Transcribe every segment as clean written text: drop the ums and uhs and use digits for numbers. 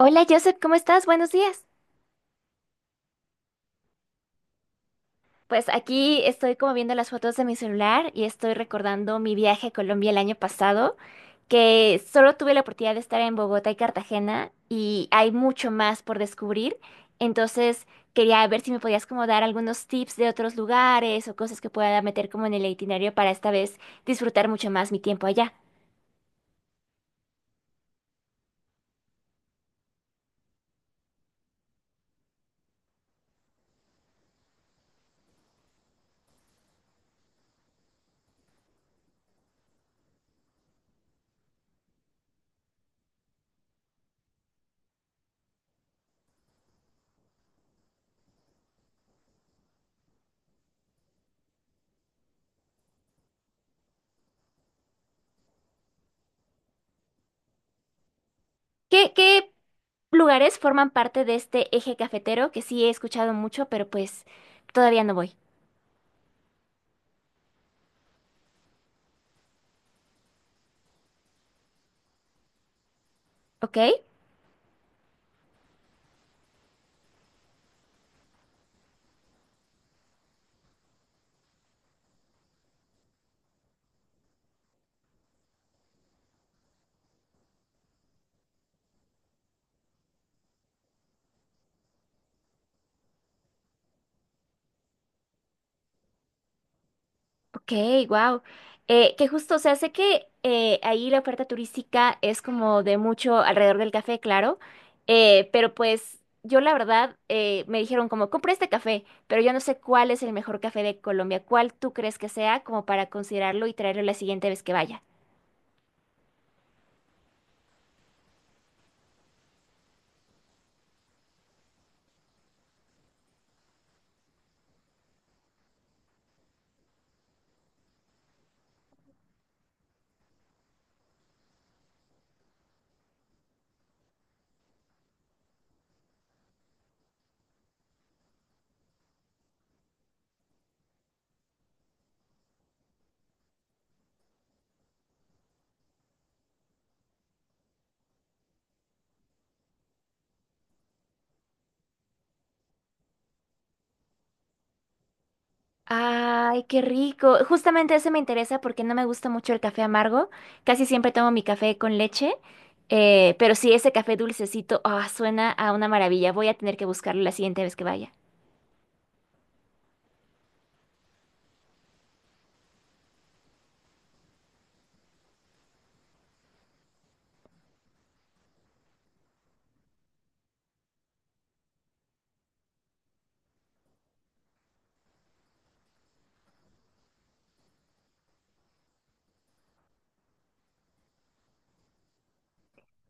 Hola Joseph, ¿cómo estás? Buenos días. Pues aquí estoy como viendo las fotos de mi celular y estoy recordando mi viaje a Colombia el año pasado, que solo tuve la oportunidad de estar en Bogotá y Cartagena y hay mucho más por descubrir. Entonces quería ver si me podías como dar algunos tips de otros lugares o cosas que pueda meter como en el itinerario para esta vez disfrutar mucho más mi tiempo allá. ¿Qué lugares forman parte de este eje cafetero que sí he escuchado mucho, pero pues todavía no voy? ¿Ok? Ok, wow. Que justo, o sea, sé que ahí la oferta turística es como de mucho alrededor del café, claro, pero pues yo la verdad me dijeron como, compré este café, pero yo no sé cuál es el mejor café de Colombia, cuál tú crees que sea como para considerarlo y traerlo la siguiente vez que vaya. Ay, qué rico. Justamente ese me interesa porque no me gusta mucho el café amargo. Casi siempre tomo mi café con leche. Pero sí, ese café dulcecito, ah, suena a una maravilla. Voy a tener que buscarlo la siguiente vez que vaya.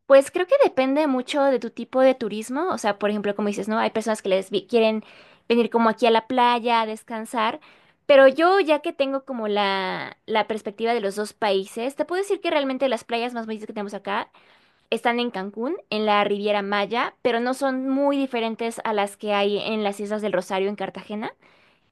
Pues creo que depende mucho de tu tipo de turismo, o sea, por ejemplo, como dices, ¿no? Hay personas que quieren venir como aquí a la playa a descansar, pero yo ya que tengo como la perspectiva de los dos países, te puedo decir que realmente las playas más bonitas que tenemos acá están en Cancún, en la Riviera Maya, pero no son muy diferentes a las que hay en las Islas del Rosario, en Cartagena.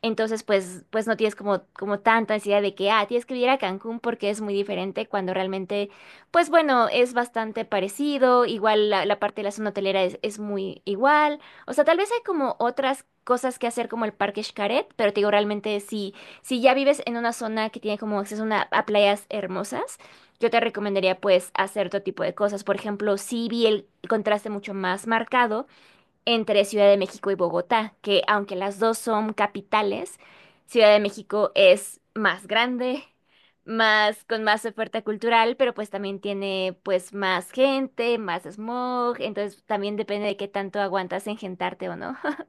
Entonces, pues, no tienes como, como tanta ansiedad de que, ah, tienes que ir a Cancún porque es muy diferente cuando realmente, pues bueno, es bastante parecido, igual la parte de la zona hotelera es muy igual, o sea, tal vez hay como otras cosas que hacer como el Parque Xcaret, pero te digo, realmente si ya vives en una zona que tiene como acceso a, a playas hermosas, yo te recomendaría pues hacer todo tipo de cosas, por ejemplo, sí vi el contraste mucho más marcado entre Ciudad de México y Bogotá, que aunque las dos son capitales, Ciudad de México es más grande, más con más oferta cultural, pero pues también tiene pues más gente, más smog, entonces también depende de qué tanto aguantas engentarte o no.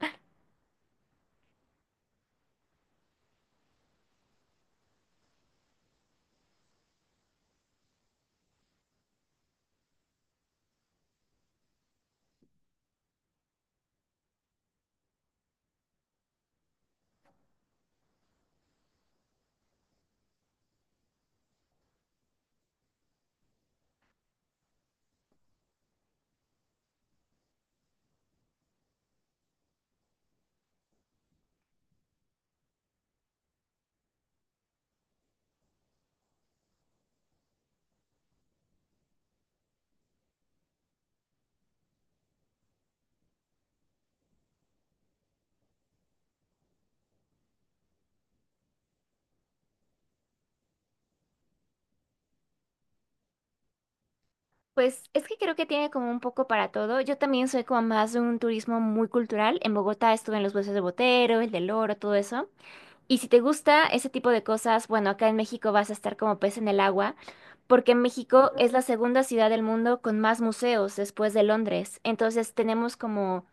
Pues es que creo que tiene como un poco para todo. Yo también soy como más de un turismo muy cultural. En Bogotá estuve en los Buesos de Botero, el del Oro, todo eso. Y si te gusta ese tipo de cosas, bueno, acá en México vas a estar como pez en el agua, porque México es la segunda ciudad del mundo con más museos después de Londres. Entonces tenemos como,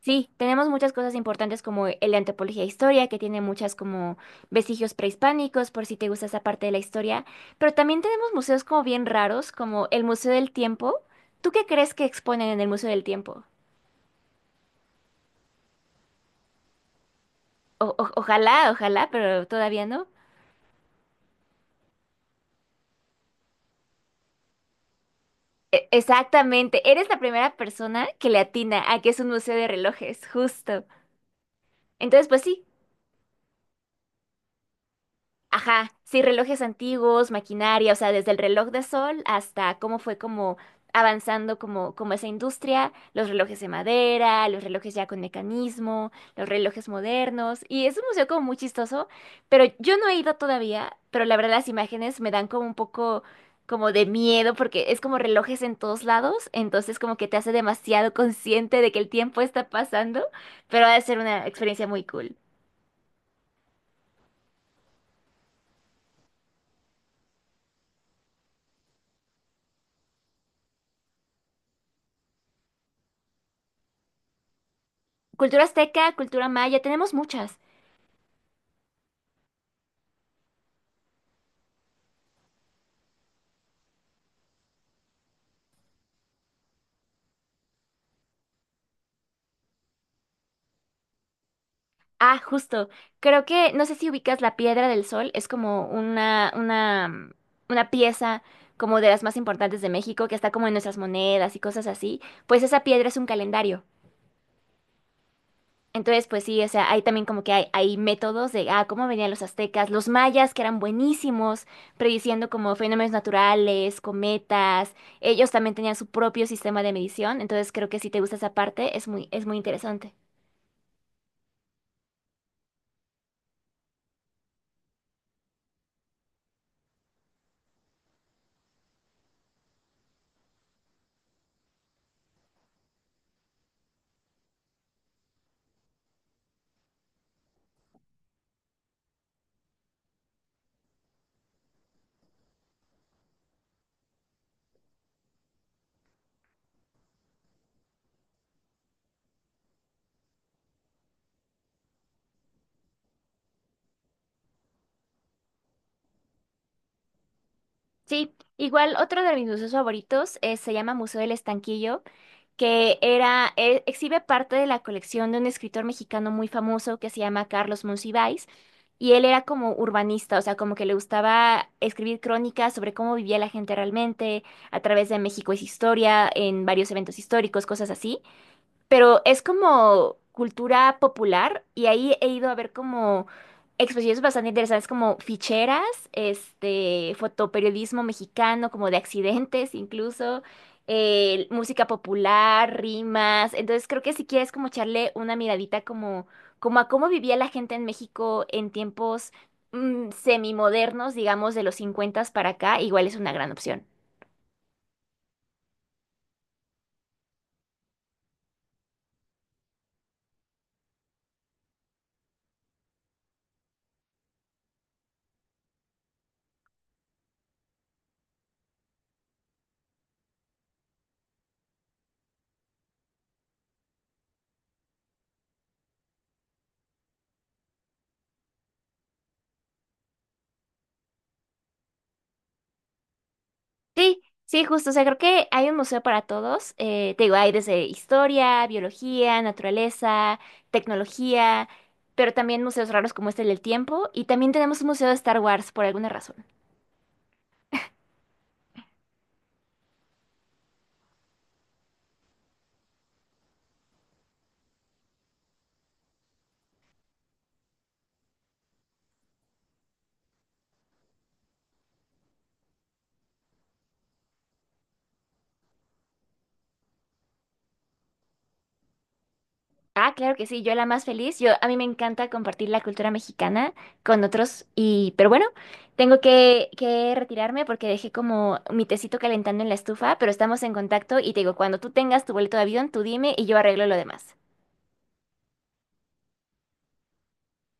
sí, tenemos muchas cosas importantes como el de antropología e historia, que tiene muchas como vestigios prehispánicos, por si te gusta esa parte de la historia. Pero también tenemos museos como bien raros, como el Museo del Tiempo. ¿Tú qué crees que exponen en el Museo del Tiempo? Ojalá, ojalá, pero todavía no. Exactamente, eres la primera persona que le atina a que es un museo de relojes, justo. Entonces, pues sí. Ajá, sí, relojes antiguos, maquinaria, o sea, desde el reloj de sol hasta cómo fue como avanzando como, como esa industria, los relojes de madera, los relojes ya con mecanismo, los relojes modernos, y es un museo como muy chistoso, pero yo no he ido todavía, pero la verdad las imágenes me dan como un poco como de miedo porque es como relojes en todos lados, entonces como que te hace demasiado consciente de que el tiempo está pasando, pero ha de ser una experiencia muy cool. Cultura azteca, cultura maya, tenemos muchas. Ah, justo. Creo que, no sé si ubicas la Piedra del Sol, es como una pieza como de las más importantes de México, que está como en nuestras monedas y cosas así. Pues esa piedra es un calendario. Entonces, pues sí, o sea, hay también como que hay métodos de, ah, cómo venían los aztecas, los mayas, que eran buenísimos, prediciendo como fenómenos naturales, cometas. Ellos también tenían su propio sistema de medición. Entonces, creo que si te gusta esa parte, es muy interesante. Sí, igual otro de mis museos favoritos se llama Museo del Estanquillo, que era, exhibe parte de la colección de un escritor mexicano muy famoso que se llama Carlos Monsiváis, y él era como urbanista, o sea, como que le gustaba escribir crónicas sobre cómo vivía la gente realmente, a través de México es historia, en varios eventos históricos, cosas así, pero es como cultura popular y ahí he ido a ver como exposiciones bastante interesantes como ficheras, este, fotoperiodismo mexicano, como de accidentes incluso, música popular, rimas. Entonces creo que si quieres como echarle una miradita como, como a cómo vivía la gente en México en tiempos semimodernos, digamos, de los 50 para acá, igual es una gran opción. Sí, sí, justo. O sea, creo que hay un museo para todos. Te digo, hay desde historia, biología, naturaleza, tecnología, pero también museos raros como este del tiempo. Y también tenemos un museo de Star Wars por alguna razón. Ah, claro que sí, yo la más feliz. Yo, a mí me encanta compartir la cultura mexicana con otros. Y, pero bueno, tengo que retirarme porque dejé como mi tecito calentando en la estufa, pero estamos en contacto y te digo, cuando tú tengas tu boleto de avión, tú dime y yo arreglo lo demás.